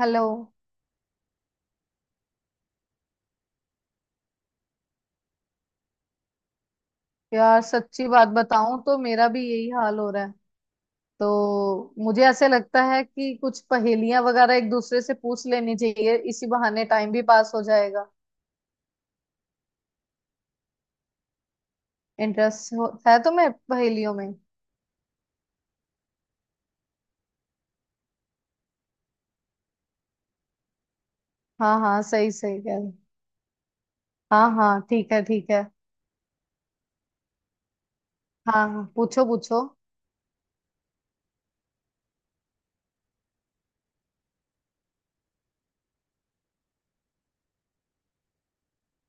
Hello. यार, सच्ची बात बताऊं तो मेरा भी यही हाल हो रहा है। तो मुझे ऐसे लगता है कि कुछ पहेलियां वगैरह एक दूसरे से पूछ लेनी चाहिए, इसी बहाने टाइम भी पास हो जाएगा। इंटरेस्ट है तुम्हें पहेलियों में? हाँ हाँ, सही सही कह रहे। हाँ हाँ, ठीक है ठीक है। हाँ हाँ, पूछो पूछो।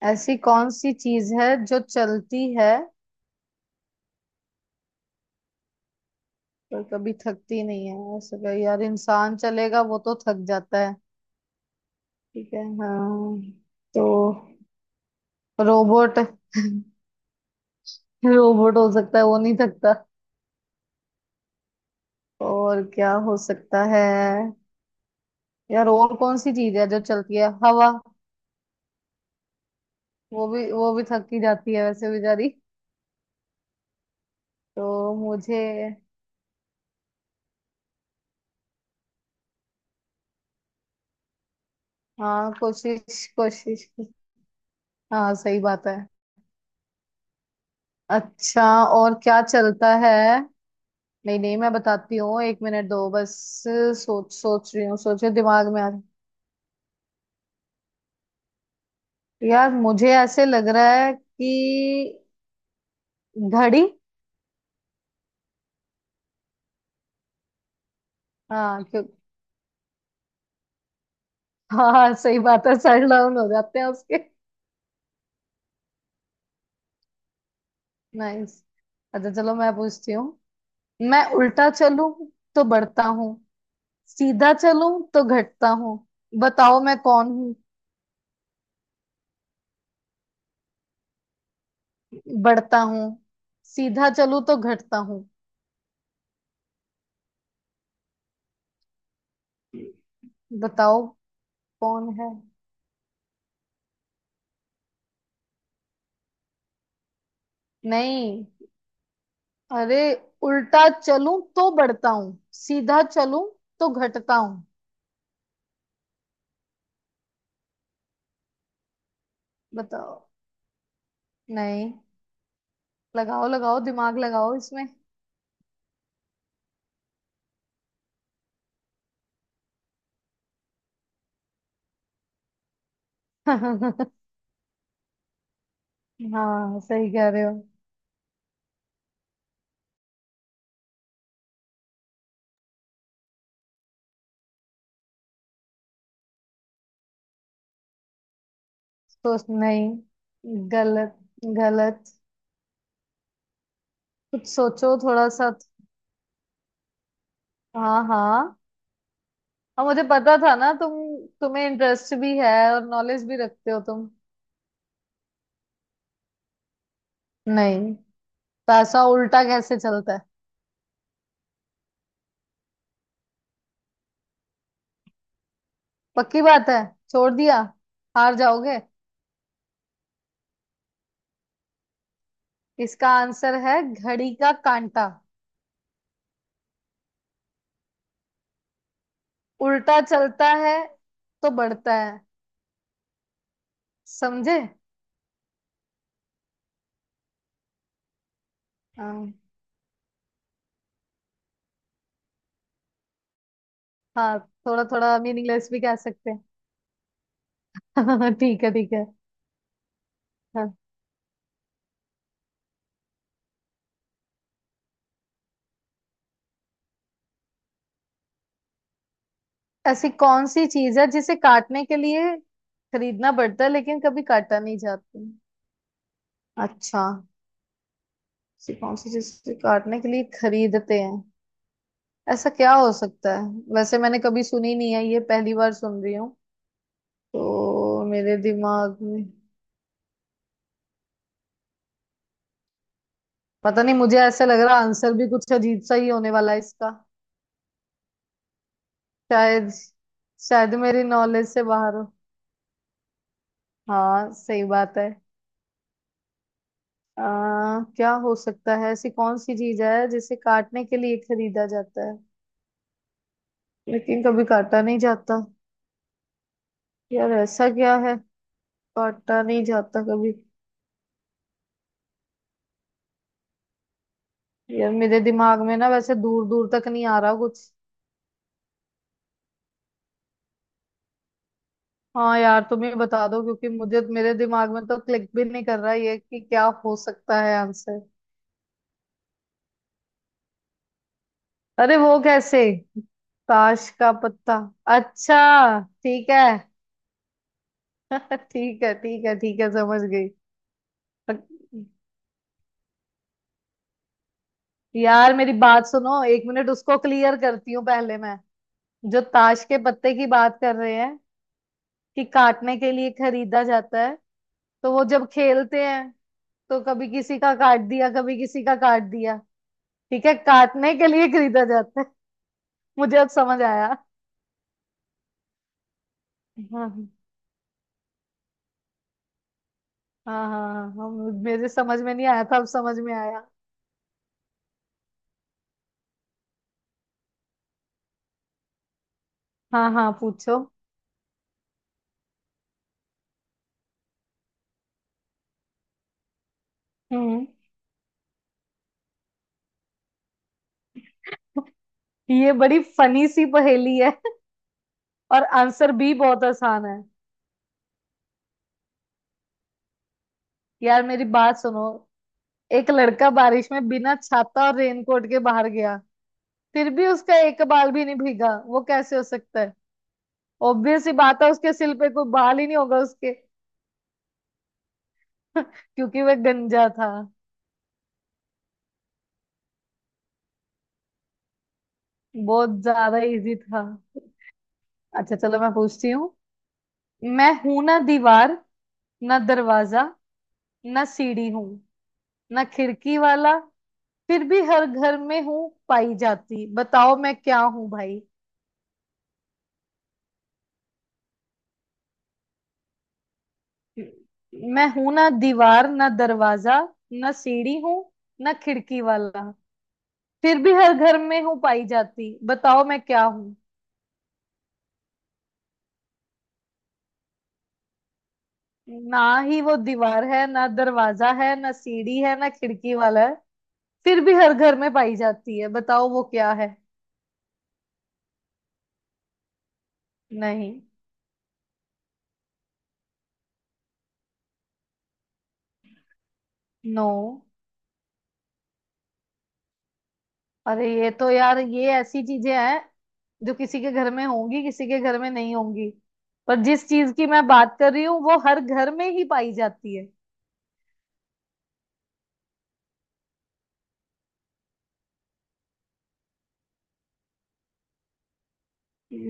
ऐसी कौन सी चीज है जो चलती है पर कभी थकती नहीं है? यार, इंसान चलेगा वो तो थक जाता है। ठीक है हाँ। तो रोबोट। रोबोट हो सकता है वो नहीं थकता। और क्या हो सकता है? यार, और कौन सी चीज है जो चलती है? हवा? वो भी थक ही जाती है वैसे बेचारी। तो मुझे हाँ, कोशिश कोशिश। हाँ, सही बात है। अच्छा, और क्या चलता है? नहीं नहीं, मैं बताती हूँ, 1 मिनट दो बस। सोच सोच रही हूँ, दिमाग में आ रहा है। यार, मुझे ऐसे लग रहा है कि घड़ी। हाँ हाँ, सही बात है, सर डाउन हो जाते हैं उसके। नाइस। अच्छा चलो, मैं पूछती हूँ। मैं उल्टा चलूं तो बढ़ता हूँ, सीधा चलूं तो घटता हूँ, बताओ मैं कौन हूँ? बढ़ता हूँ, सीधा चलूं तो घटता हूँ, बताओ कौन है? नहीं। अरे, उल्टा चलूं तो बढ़ता हूँ, सीधा चलूं तो घटता हूँ, बताओ। नहीं, लगाओ लगाओ, दिमाग लगाओ इसमें। हाँ, सही कह रहे हो। सोच। नहीं, गलत गलत। कुछ सोचो थोड़ा सा तो। हाँ हाँ, और मुझे पता था ना तुम, तुम्हें इंटरेस्ट भी है और नॉलेज भी रखते हो तुम। नहीं, पैसा उल्टा कैसे चलता है? पक्की बात है, छोड़ दिया। हार जाओगे। इसका आंसर है घड़ी का कांटा। उल्टा चलता है तो बढ़ता है। समझे? हाँ हाँ, थोड़ा थोड़ा मीनिंगलेस भी कह सकते हैं। ठीक है ठीक है। हाँ। ऐसी कौन सी चीज है जिसे काटने के लिए खरीदना पड़ता है लेकिन कभी काटा नहीं जाती? अच्छा, ऐसी कौन सी चीज जिसे काटने के लिए खरीदते हैं? ऐसा क्या हो सकता है? वैसे मैंने कभी सुनी नहीं है, ये पहली बार सुन रही हूँ। तो मेरे दिमाग में पता नहीं, मुझे ऐसा लग रहा आंसर भी कुछ अजीब सा ही होने वाला है इसका। शायद शायद मेरी नॉलेज से बाहर हो। हाँ, सही बात है। क्या हो सकता है? ऐसी कौन सी चीज है जिसे काटने के लिए खरीदा जाता है लेकिन कभी काटा नहीं जाता? यार, ऐसा क्या है? काटा नहीं जाता कभी? यार, मेरे दिमाग में ना वैसे दूर दूर तक नहीं आ रहा कुछ। हाँ यार, तुम ही बता दो क्योंकि मुझे, मेरे दिमाग में तो क्लिक भी नहीं कर रहा ये कि क्या हो सकता है आंसर। अरे, वो कैसे? ताश का पत्ता? अच्छा, ठीक है। ठीक है ठीक है ठीक है, समझ गई। अ- यार मेरी बात सुनो, 1 मिनट उसको क्लियर करती हूँ पहले मैं। जो ताश के पत्ते की बात कर रहे हैं कि काटने के लिए खरीदा जाता है, तो वो जब खेलते हैं तो कभी किसी का काट दिया, कभी किसी का काट दिया। ठीक है, काटने के लिए खरीदा जाता है। मुझे अब समझ आया। हाँ हाँ हाँ। हाँ, मेरे समझ में नहीं आया था, अब समझ में आया। हाँ हाँ, पूछो। हम्म। ये बड़ी फनी सी पहेली है। और आंसर भी बहुत आसान है। यार मेरी बात सुनो, एक लड़का बारिश में बिना छाता और रेनकोट के बाहर गया, फिर भी उसका एक बाल भी नहीं भीगा, वो कैसे हो सकता है? ऑब्वियस ही बात है, उसके सिर पे कोई बाल ही नहीं होगा उसके। क्योंकि वह गंजा था। बहुत ज्यादा इजी था। अच्छा चलो, मैं पूछती हूँ। मैं हूं ना दीवार, ना दरवाजा, ना सीढ़ी हूँ, ना खिड़की वाला, फिर भी हर घर में हूँ पाई जाती, बताओ मैं क्या हूँ भाई? मैं हूं ना दीवार, ना दरवाजा, ना सीढ़ी हूँ, ना खिड़की वाला, फिर भी हर घर में हूँ पाई जाती, बताओ मैं क्या हूँ? ना ही वो दीवार है, ना दरवाजा है, ना सीढ़ी है, ना खिड़की वाला है, फिर भी हर घर में पाई जाती है, बताओ वो क्या है? नहीं। नो। अरे, ये तो यार ये ऐसी चीजें हैं जो किसी के घर में होंगी, किसी के घर में नहीं होंगी, पर जिस चीज की मैं बात कर रही हूँ वो हर घर में ही पाई जाती है।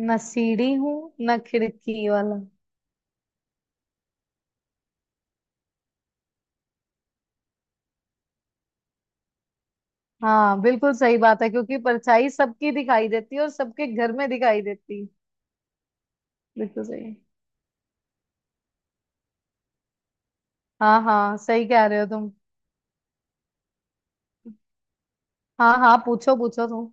ना सीढ़ी हूँ, ना खिड़की वाला। हाँ, बिल्कुल सही बात है, क्योंकि परछाई सबकी दिखाई देती है और सबके घर में दिखाई देती है। बिल्कुल सही। हाँ हाँ, सही कह रहे हो तुम। हाँ हाँ, पूछो पूछो तुम।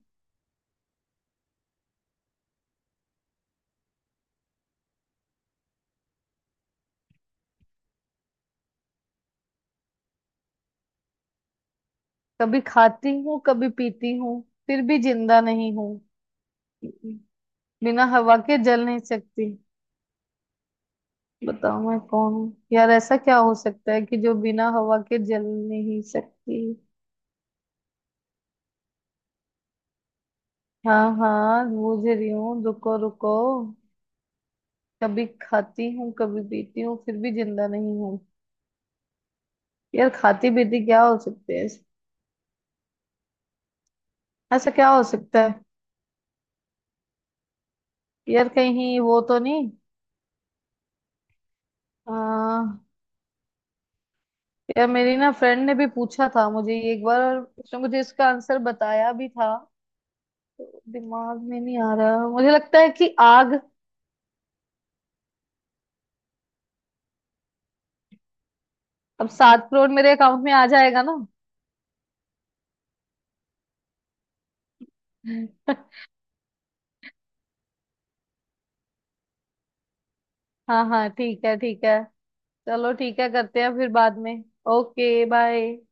कभी खाती हूँ कभी पीती हूँ, फिर भी जिंदा नहीं हूँ, बिना हवा के जल नहीं सकती, बताओ मैं कौन हूँ? यार, ऐसा क्या हो सकता है कि जो बिना हवा के जल नहीं सकती? हाँ हाँ, बूझ रही हूँ, रुको रुको। कभी खाती हूँ कभी पीती हूँ फिर भी जिंदा नहीं हूँ। यार, खाती पीती क्या हो सकते हैं? ऐसा क्या हो सकता है? यार, कहीं वो तो नहीं। यार मेरी ना फ्रेंड ने भी पूछा था मुझे ये एक बार, और उसने मुझे इसका आंसर बताया भी था, तो दिमाग में नहीं आ रहा। मुझे लगता है कि आग। अब 7 करोड़ मेरे अकाउंट में आ जाएगा ना? हाँ हाँ, ठीक है ठीक है। चलो ठीक है, करते हैं फिर बाद में। Okay bye.